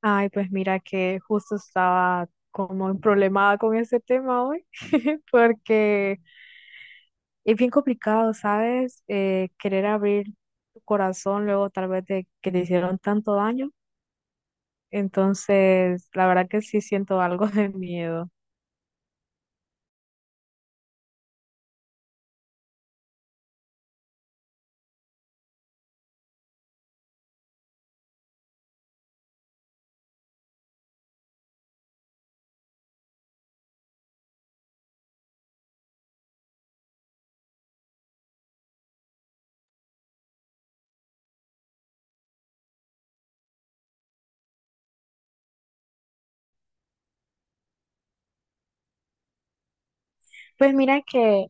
Ay, pues mira que justo estaba como en problemada con ese tema hoy, porque es bien complicado, ¿sabes? Querer abrir tu corazón luego tal vez de que te hicieron tanto daño. Entonces, la verdad que sí siento algo de miedo. Pues mira que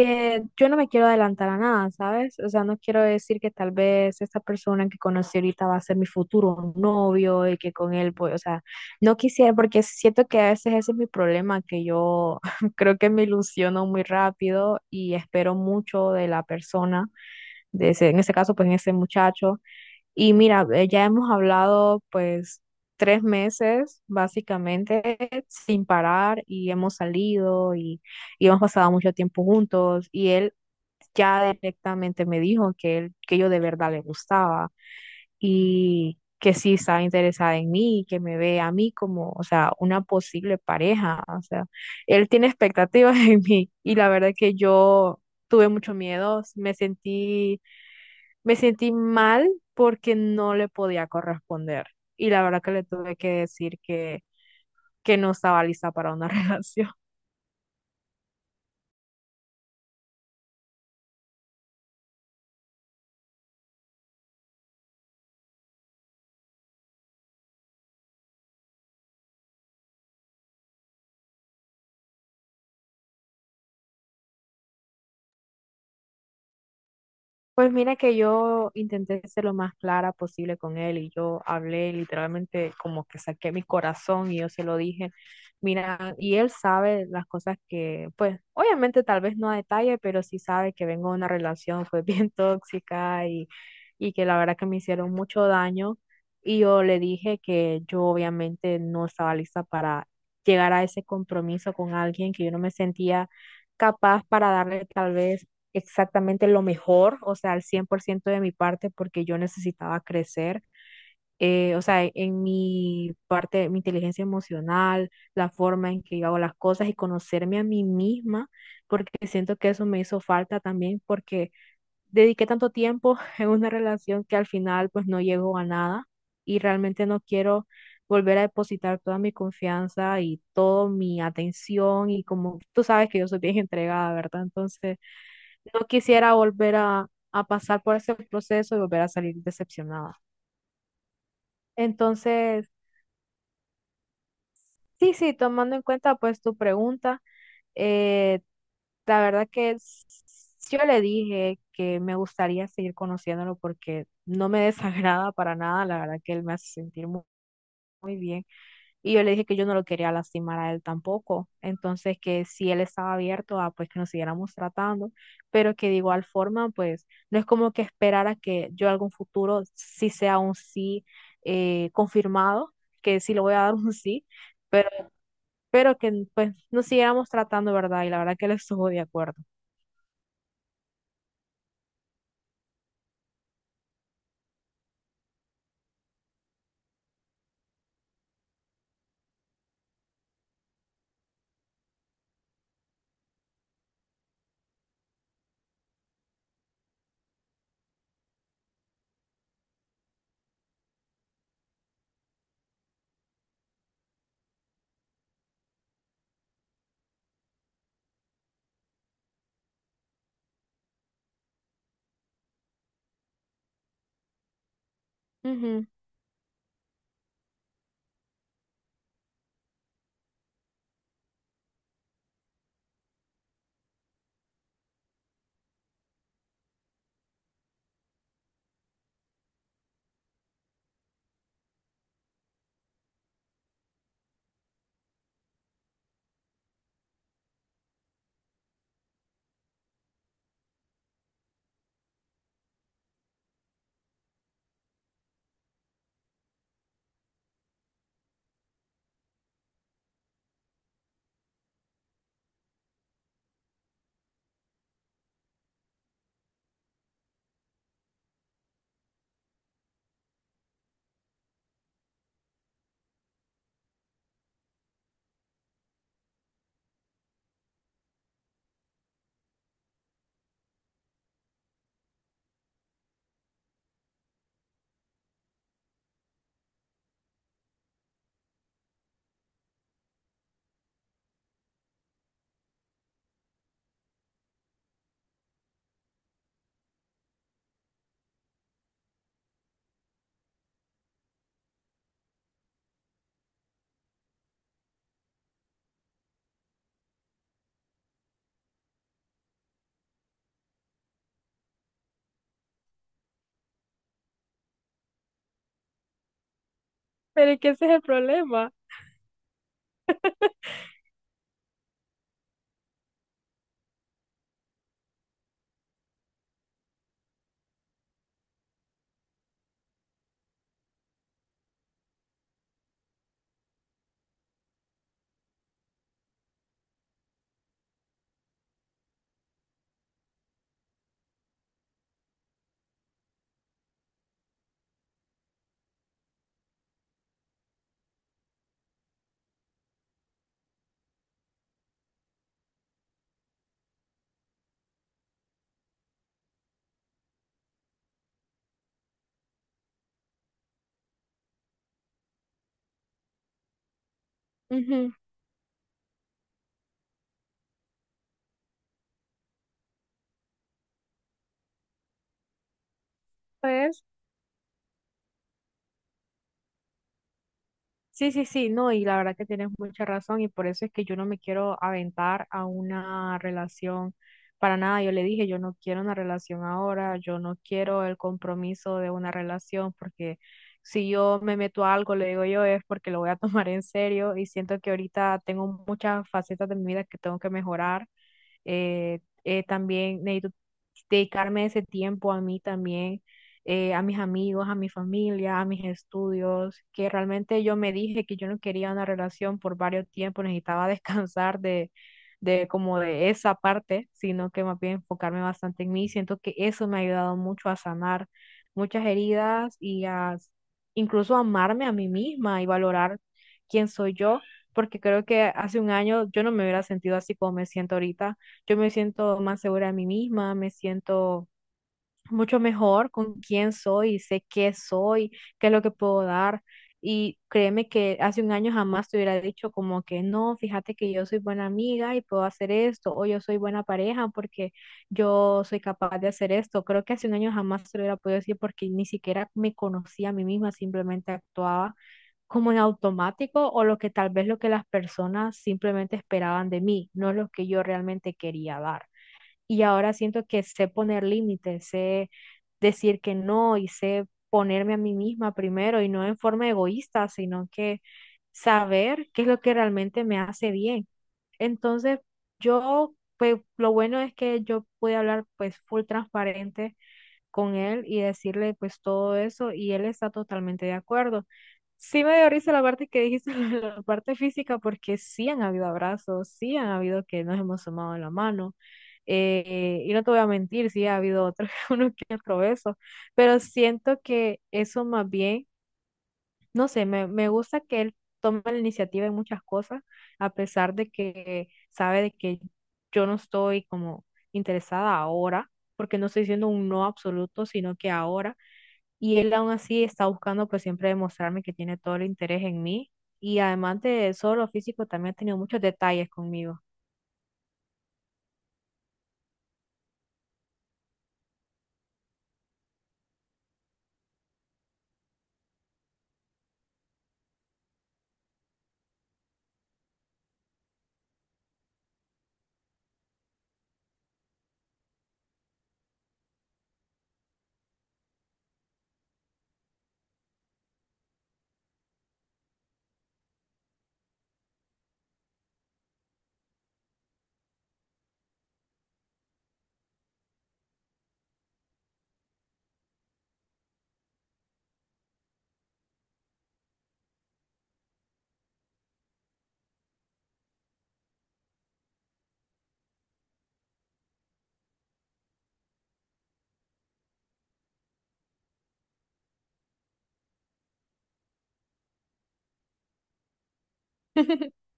Yo no me quiero adelantar a nada, ¿sabes? O sea, no quiero decir que tal vez esta persona que conocí ahorita va a ser mi futuro novio y que con él voy, o sea, no quisiera porque siento que a veces ese es mi problema, que yo creo que me ilusiono muy rápido y espero mucho de la persona, de ese, en este caso, pues en ese muchacho. Y mira, ya hemos hablado pues 3 meses básicamente sin parar, y hemos salido y hemos pasado mucho tiempo juntos, y él ya directamente me dijo que yo de verdad le gustaba, y que sí estaba interesada en mí y que me ve a mí como, o sea, una posible pareja. O sea, él tiene expectativas en mí, y la verdad que yo tuve mucho miedo, me sentí mal porque no le podía corresponder, y la verdad que le tuve que decir que no estaba lista para una relación. Pues mira que yo intenté ser lo más clara posible con él, y yo hablé literalmente como que saqué mi corazón y yo se lo dije, mira, y él sabe las cosas que, pues obviamente tal vez no a detalle, pero sí sabe que vengo de una relación fue bien tóxica, y que la verdad que me hicieron mucho daño. Y yo le dije que yo obviamente no estaba lista para llegar a ese compromiso con alguien, que yo no me sentía capaz para darle tal vez exactamente lo mejor, o sea, al 100% de mi parte, porque yo necesitaba crecer. O sea, en mi parte, mi inteligencia emocional, la forma en que yo hago las cosas y conocerme a mí misma, porque siento que eso me hizo falta también, porque dediqué tanto tiempo en una relación que al final pues no llegó a nada, y realmente no quiero volver a depositar toda mi confianza y toda mi atención, y como tú sabes que yo soy bien entregada, ¿verdad? Entonces no quisiera volver a pasar por ese proceso y volver a salir decepcionada. Entonces, sí, sí, tomando en cuenta pues tu pregunta, eh, la verdad que yo le dije que me gustaría seguir conociéndolo porque no me desagrada para nada, la verdad que él me hace sentir muy bien. Y yo le dije que yo no lo quería lastimar a él tampoco. Entonces, que si él estaba abierto a pues que nos siguiéramos tratando, pero que de igual forma, pues no es como que esperara que yo algún futuro sí sea un sí confirmado, que sí le voy a dar un sí, pero, pero que pues nos siguiéramos tratando, ¿verdad? Y la verdad que él estuvo de acuerdo. Ujú. Pero es que ese es el problema. Ujú. ¿Sabes? Sí, sí, sí, no, y la verdad que tienes mucha razón, y por eso es que yo no me quiero aventar a una relación para nada. Yo le dije, yo no quiero una relación ahora, yo no quiero el compromiso de una relación, porque si yo me meto a algo, le digo yo, es porque lo voy a tomar en serio, y siento que ahorita tengo muchas facetas de mi vida que tengo que mejorar. También necesito dedicarme ese tiempo a mí también, a mis amigos, a mi familia, a mis estudios, que realmente yo me dije que yo no quería una relación por varios tiempos, necesitaba descansar de como de esa parte, sino que más bien enfocarme bastante en mí. Siento que eso me ha ayudado mucho a sanar muchas heridas y incluso amarme a mí misma y valorar quién soy yo, porque creo que hace un año yo no me hubiera sentido así como me siento ahorita. Yo me siento más segura de mí misma, me siento mucho mejor con quién soy, sé qué soy, qué es lo que puedo dar. Y créeme que hace un año jamás te hubiera dicho como que no, fíjate que yo soy buena amiga y puedo hacer esto, o yo soy buena pareja porque yo soy capaz de hacer esto. Creo que hace un año jamás te lo hubiera podido decir porque ni siquiera me conocía a mí misma, simplemente actuaba como en automático o lo que tal vez lo que las personas simplemente esperaban de mí, no lo que yo realmente quería dar. Y ahora siento que sé poner límites, sé decir que no, y sé ponerme a mí misma primero y no en forma egoísta, sino que saber qué es lo que realmente me hace bien. Entonces, yo, pues lo bueno es que yo pude hablar pues full transparente con él y decirle pues todo eso, y él está totalmente de acuerdo. Sí me dio risa la parte que dijiste, la parte física, porque sí han habido abrazos, sí han habido que nos hemos tomado la mano. Y no te voy a mentir, sí ha habido otro, uno que otro beso, pero siento que eso más bien no sé, me gusta que él tome la iniciativa en muchas cosas, a pesar de que sabe de que yo no estoy como interesada ahora, porque no estoy diciendo un no absoluto, sino que ahora, y él aún así está buscando pues siempre demostrarme que tiene todo el interés en mí, y además de solo físico, también ha tenido muchos detalles conmigo.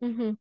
Ujú.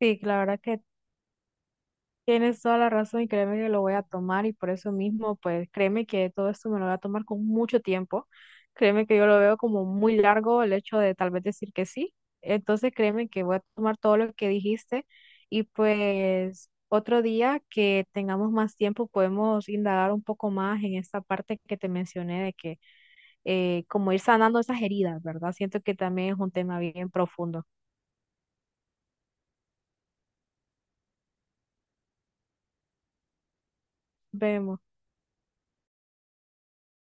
Sí, la verdad que tienes toda la razón, y créeme que lo voy a tomar, y por eso mismo, pues créeme que todo esto me lo voy a tomar con mucho tiempo. Créeme que yo lo veo como muy largo el hecho de tal vez decir que sí. Entonces créeme que voy a tomar todo lo que dijiste, y pues otro día que tengamos más tiempo podemos indagar un poco más en esta parte que te mencioné de que como ir sanando esas heridas, ¿verdad? Siento que también es un tema bien profundo. Vemos.